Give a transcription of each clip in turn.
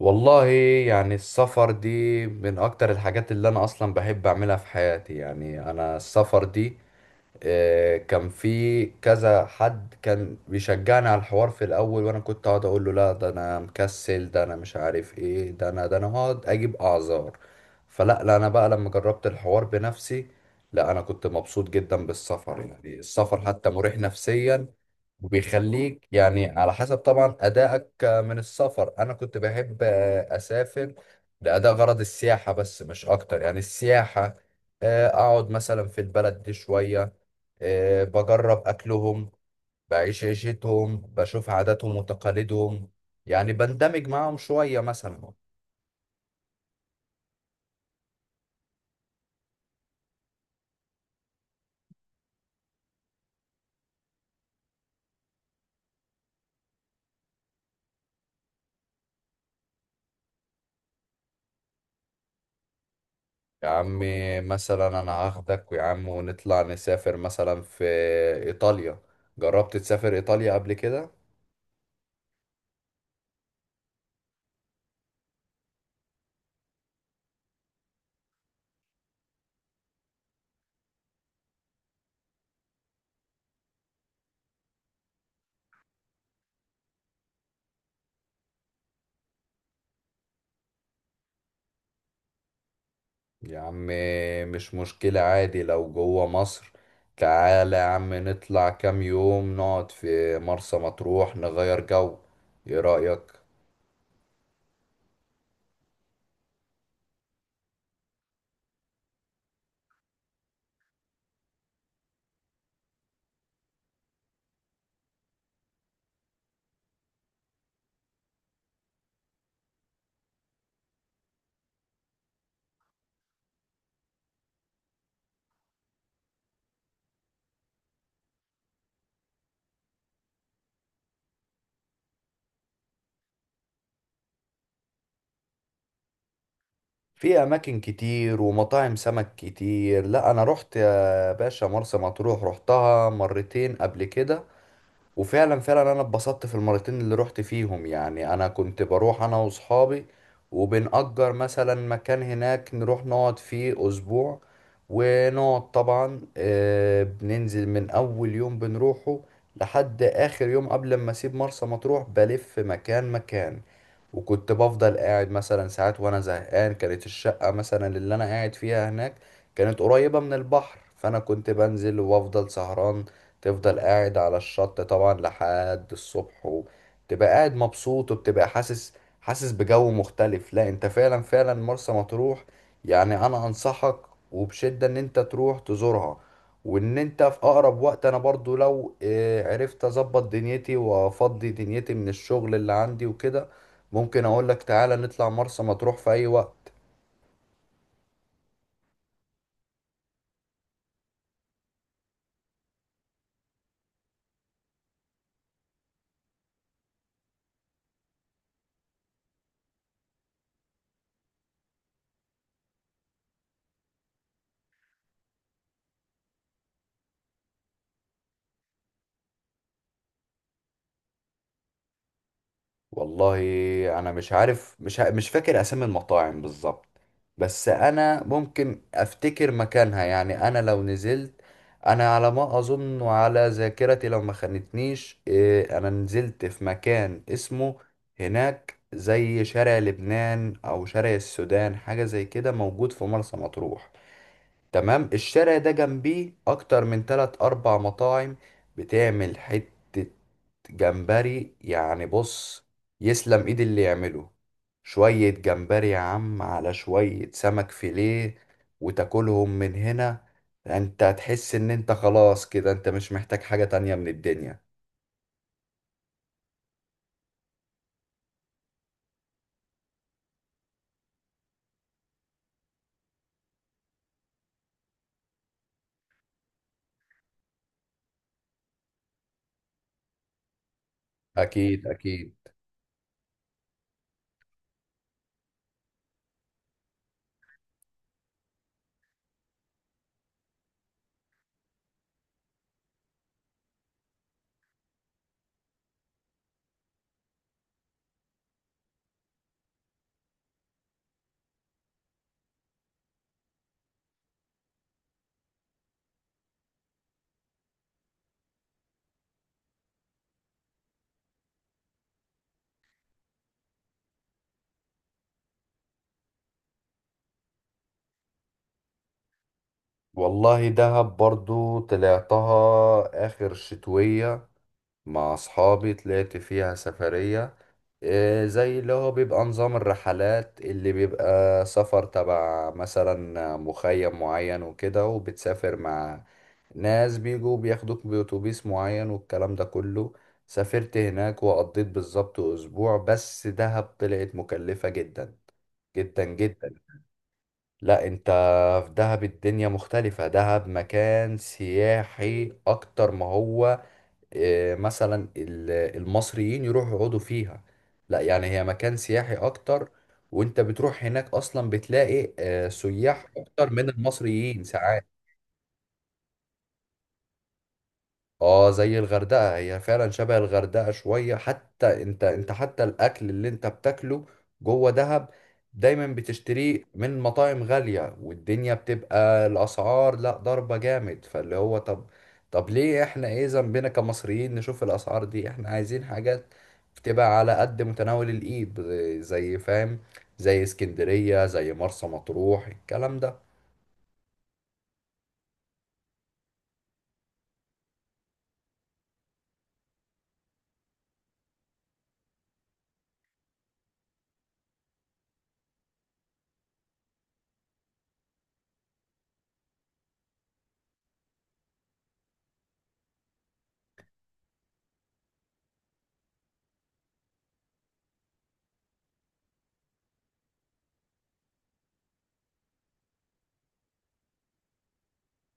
والله يعني السفر دي من اكتر الحاجات اللي انا اصلا بحب اعملها في حياتي. يعني انا السفر دي، كان في كذا حد كان بيشجعني على الحوار في الاول، وانا كنت اقعد اقول له لا، ده انا مكسل، ده انا مش عارف ايه، ده انا هقعد اجيب اعذار. فلا لا انا بقى لما جربت الحوار بنفسي، لا انا كنت مبسوط جدا بالسفر. يعني السفر حتى مريح نفسيا وبيخليك يعني على حسب طبعا أدائك من السفر. أنا كنت بحب أسافر لأداء غرض السياحة بس، مش أكتر. يعني السياحة، أقعد مثلا في البلد دي شوية، بجرب أكلهم، بعيش عيشتهم، بشوف عاداتهم وتقاليدهم، يعني بندمج معاهم شوية مثلا. يا عم مثلا أنا هاخدك يا عم ونطلع نسافر مثلا في إيطاليا. جربت تسافر إيطاليا قبل كده؟ يا عم مش مشكلة، عادي لو جوه مصر. تعالى يا عم نطلع كام يوم نقعد في مرسى مطروح نغير جو. إيه رأيك؟ في اماكن كتير ومطاعم سمك كتير. لا انا رحت يا باشا مرسى مطروح، رحتها مرتين قبل كده، وفعلا فعلا انا اتبسطت في المرتين اللي رحت فيهم. يعني انا كنت بروح انا واصحابي وبنأجر مثلا مكان هناك نروح نقعد فيه اسبوع، ونقعد طبعا، بننزل من اول يوم بنروحه لحد اخر يوم. قبل ما اسيب مرسى مطروح بلف مكان مكان، وكنت بفضل قاعد مثلا ساعات وانا زهقان. كانت الشقة مثلا اللي انا قاعد فيها هناك كانت قريبة من البحر، فانا كنت بنزل وافضل سهران. تفضل قاعد على الشط طبعا لحد الصبح، وتبقى قاعد مبسوط، وبتبقى حاسس، حاسس بجو مختلف. لا انت فعلا فعلا مرسى مطروح، يعني انا انصحك وبشدة ان انت تروح تزورها، وان انت في اقرب وقت. انا برضو لو عرفت اظبط دنيتي وافضي دنيتي من الشغل اللي عندي وكده، ممكن اقولك تعالى نطلع مرسى مطروح في اي وقت. والله انا مش عارف، مش فاكر اسامي المطاعم بالظبط، بس انا ممكن افتكر مكانها. يعني انا لو نزلت، انا على ما اظن وعلى ذاكرتي لو ما خانتنيش انا نزلت في مكان اسمه هناك زي شارع لبنان او شارع السودان، حاجة زي كده موجود في مرسى مطروح. تمام، الشارع ده جنبيه اكتر من 3 4 مطاعم بتعمل حتة جمبري. يعني بص، يسلم ايد اللي يعمله شوية جمبري يا عم على شوية سمك فيليه، وتاكلهم من هنا. انت هتحس ان انت خلاص كده انت مش محتاج حاجة تانية من الدنيا. اكيد اكيد. والله دهب برضو طلعتها اخر شتوية مع اصحابي، طلعت فيها سفرية، زي اللي هو بيبقى نظام الرحلات اللي بيبقى سفر تبع مثلا مخيم معين وكده، وبتسافر مع ناس بيجوا بياخدوك بأتوبيس معين والكلام ده كله. سافرت هناك وقضيت بالظبط أسبوع، بس دهب طلعت مكلفة جدا جدا جدا. لا انت، في دهب الدنيا مختلفة. دهب مكان سياحي أكتر ما هو، آه، مثلا ال- المصريين يروحوا يقعدوا فيها. لا يعني هي مكان سياحي اكتر، وانت بتروح هناك اصلا بتلاقي سياح اكتر من المصريين ساعات. اه زي الغردقة، هي فعلا شبه الغردقة شوية. حتى انت حتى الاكل اللي انت بتاكله جوه دهب دايما بتشتريه من مطاعم غالية، والدنيا بتبقى الاسعار لا ضربة جامد. فاللي هو طب، طب ليه احنا ايه ذنبنا كمصريين نشوف الاسعار دي؟ احنا عايزين حاجات بتبقى على قد متناول الايد، زي فاهم، زي اسكندرية، زي مرسى مطروح الكلام ده.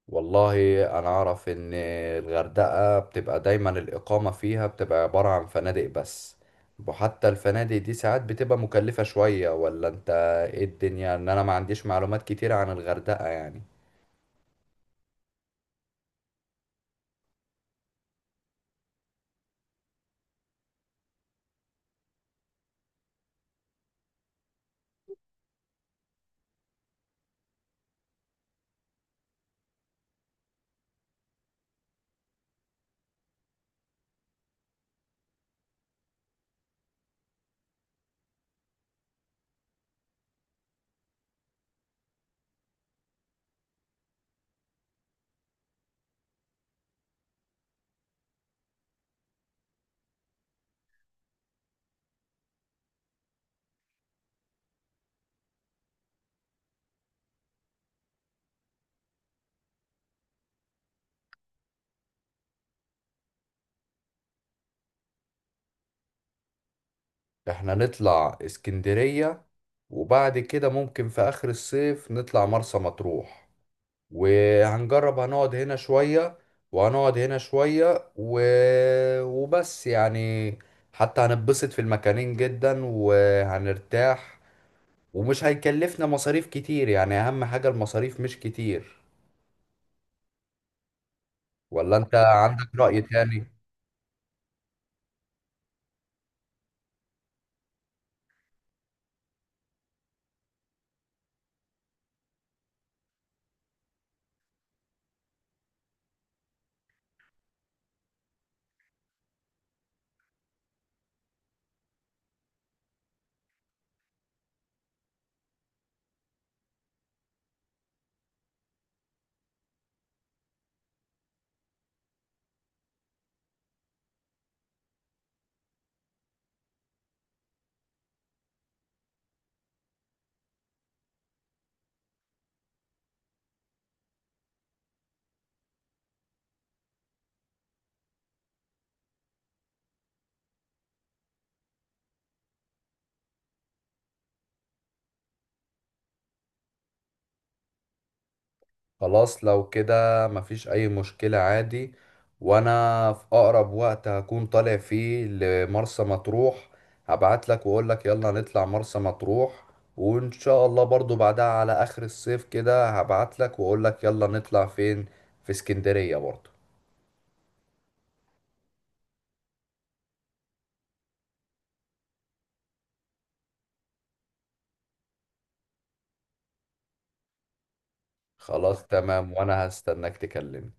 والله انا اعرف ان الغردقة بتبقى دايما الاقامة فيها بتبقى عبارة عن فنادق بس، وحتى الفنادق دي ساعات بتبقى مكلفة شوية. ولا انت ايه الدنيا؟ ان انا ما عنديش معلومات كتير عن الغردقة يعني. احنا نطلع اسكندرية، وبعد كده ممكن في اخر الصيف نطلع مرسى مطروح، وهنجرب هنقعد هنا شوية، وهنقعد هنا شوية و... وبس يعني. حتى هنتبسط في المكانين جدا وهنرتاح، ومش هيكلفنا مصاريف كتير. يعني أهم حاجة المصاريف مش كتير. ولا أنت عندك رأي تاني؟ خلاص لو كده مفيش أي مشكلة، عادي. وأنا في أقرب وقت هكون طالع فيه لمرسى مطروح، هبعتلك وأقولك يلا نطلع مرسى مطروح. وإن شاء الله برضو بعدها على آخر الصيف كده هبعتلك وأقولك يلا نطلع فين، في اسكندرية برضو. خلاص تمام، وأنا هستناك تكلمني.